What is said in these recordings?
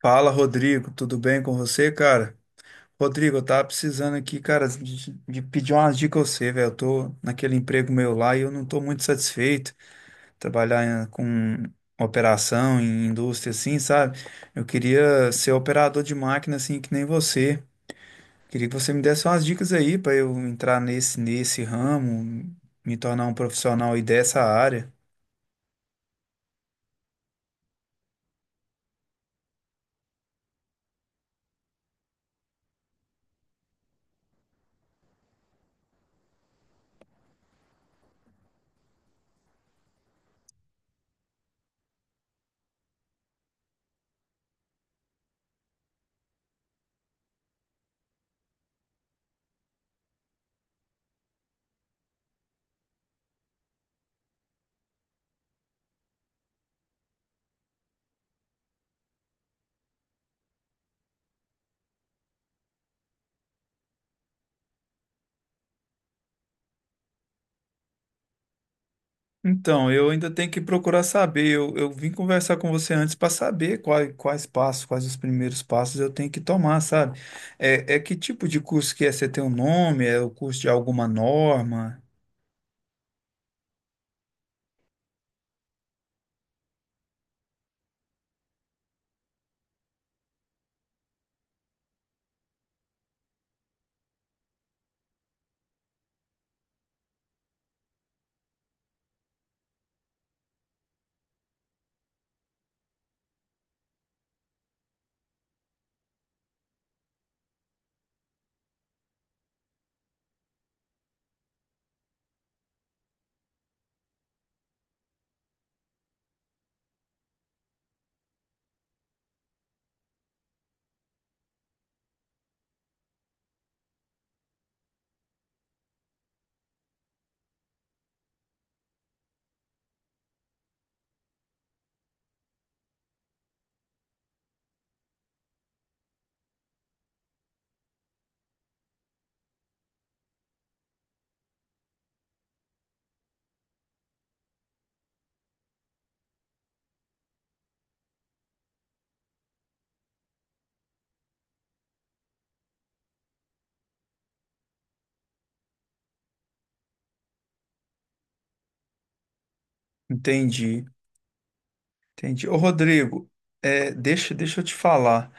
Fala, Rodrigo, tudo bem com você, cara? Rodrigo, eu tava precisando aqui, cara, de pedir umas dicas a você, velho. Eu tô naquele emprego meu lá e eu não tô muito satisfeito com operação em indústria assim, sabe? Eu queria ser operador de máquina assim que nem você. Queria que você me desse umas dicas aí pra eu entrar nesse ramo, me tornar um profissional aí dessa área. Então, eu ainda tenho que procurar saber. Eu vim conversar com você antes para saber quais passos, quais os primeiros passos eu tenho que tomar, sabe? É, é que tipo de curso que é? Você tem um nome? É o curso de alguma norma? Entendi. Entendi. Ô, Rodrigo, é, deixa eu te falar.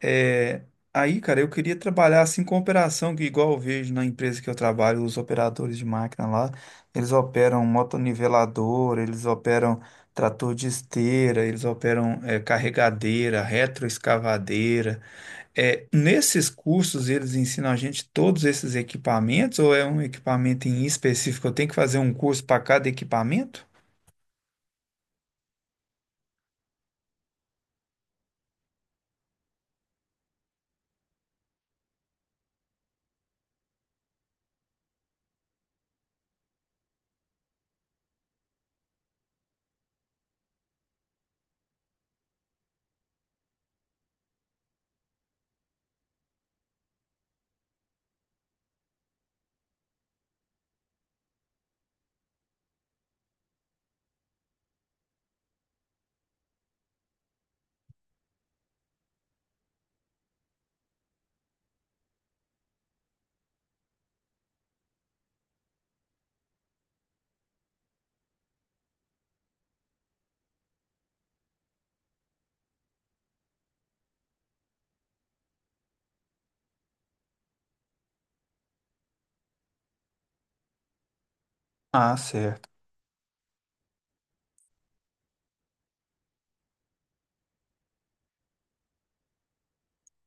É, aí, cara, eu queria trabalhar assim com operação, que igual eu vejo na empresa que eu trabalho, os operadores de máquina lá, eles operam motonivelador, eles operam trator de esteira, eles operam é, carregadeira, retroescavadeira. É, nesses cursos, eles ensinam a gente todos esses equipamentos ou é um equipamento em específico? Eu tenho que fazer um curso para cada equipamento? Ah, certo.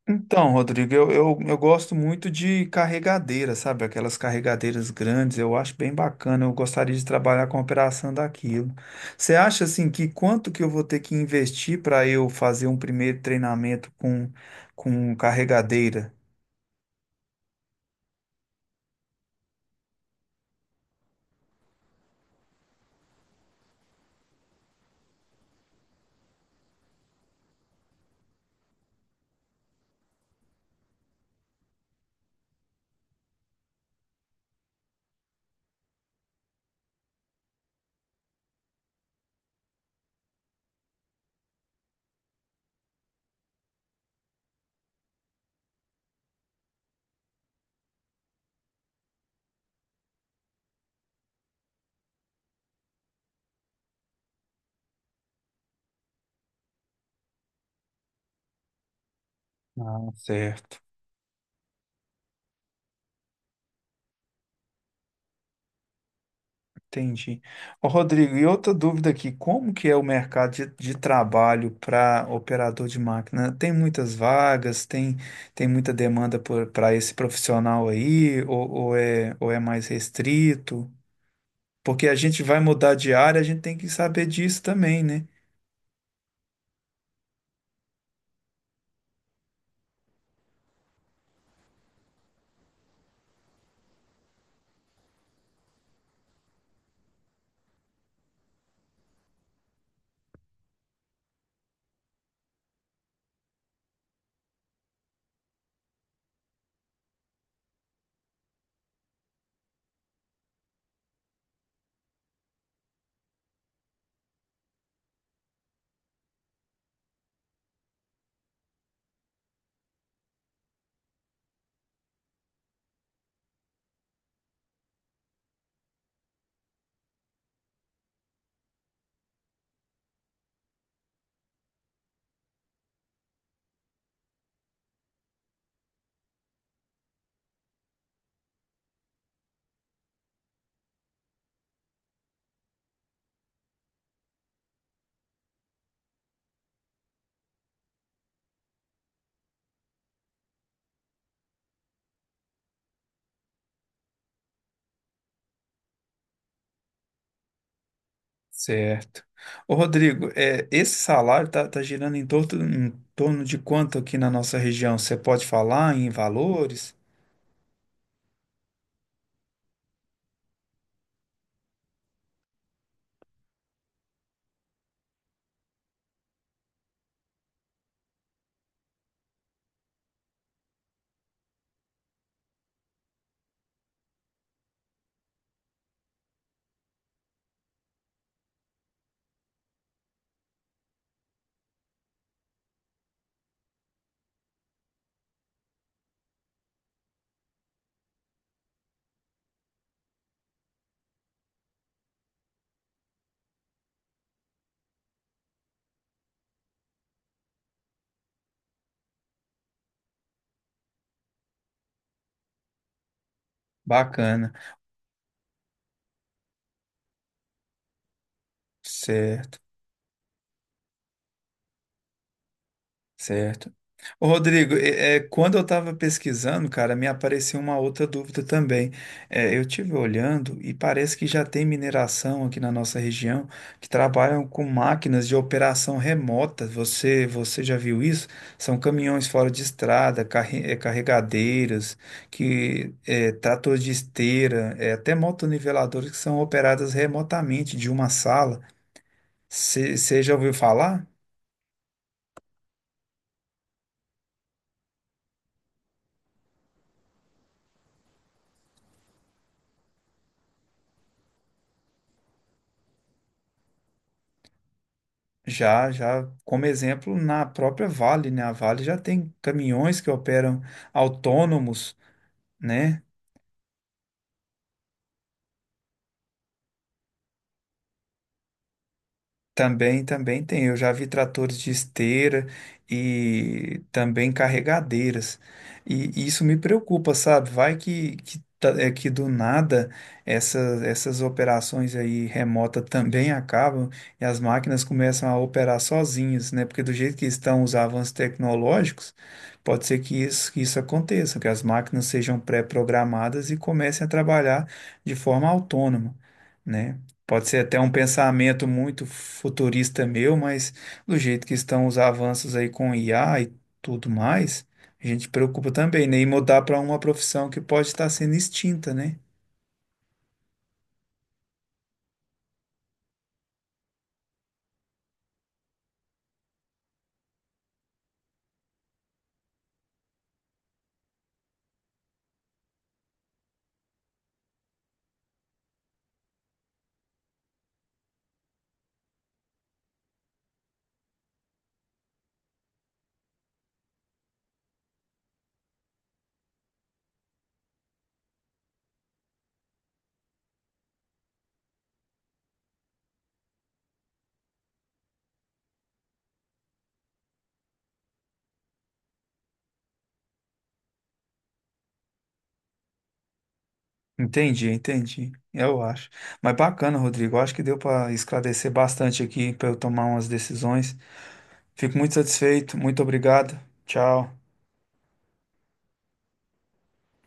Então, Rodrigo, eu gosto muito de carregadeira, sabe? Aquelas carregadeiras grandes, eu acho bem bacana. Eu gostaria de trabalhar com a operação daquilo. Você acha assim que quanto que eu vou ter que investir para eu fazer um primeiro treinamento com carregadeira? Ah, certo. Entendi. Ô, Rodrigo, e outra dúvida aqui, como que é o mercado de trabalho para operador de máquina? Tem muitas vagas, tem, tem muita demanda para esse profissional aí, ou é mais restrito? Porque a gente vai mudar de área, a gente tem que saber disso também, né? Certo. Ô, Rodrigo, é, esse salário tá, tá girando em torno de quanto aqui na nossa região? Você pode falar em valores? Bacana. Certo. Certo. Ô, Rodrigo, é, é, quando eu estava pesquisando, cara, me apareceu uma outra dúvida também. É, eu tive olhando e parece que já tem mineração aqui na nossa região que trabalham com máquinas de operação remota. Você já viu isso? São caminhões fora de estrada, é, carregadeiras, que é, tratores de esteira, é, até motoniveladoras que são operadas remotamente de uma sala. Você já ouviu falar? Já, já, como exemplo, na própria Vale, né? A Vale já tem caminhões que operam autônomos, né? Também, também tem. Eu já vi tratores de esteira e também carregadeiras. E isso me preocupa, sabe? Vai é que do nada essa, essas operações aí remota também acabam e as máquinas começam a operar sozinhas, né? Porque do jeito que estão os avanços tecnológicos, pode ser que isso aconteça, que as máquinas sejam pré-programadas e comecem a trabalhar de forma autônoma. Né? Pode ser até um pensamento muito futurista meu, mas do jeito que estão os avanços aí com IA e tudo mais, a gente preocupa também, né? E mudar para uma profissão que pode estar sendo extinta, né? Entendi, entendi. Eu acho. Mas bacana, Rodrigo. Eu acho que deu para esclarecer bastante aqui para eu tomar umas decisões. Fico muito satisfeito. Muito obrigado. Tchau.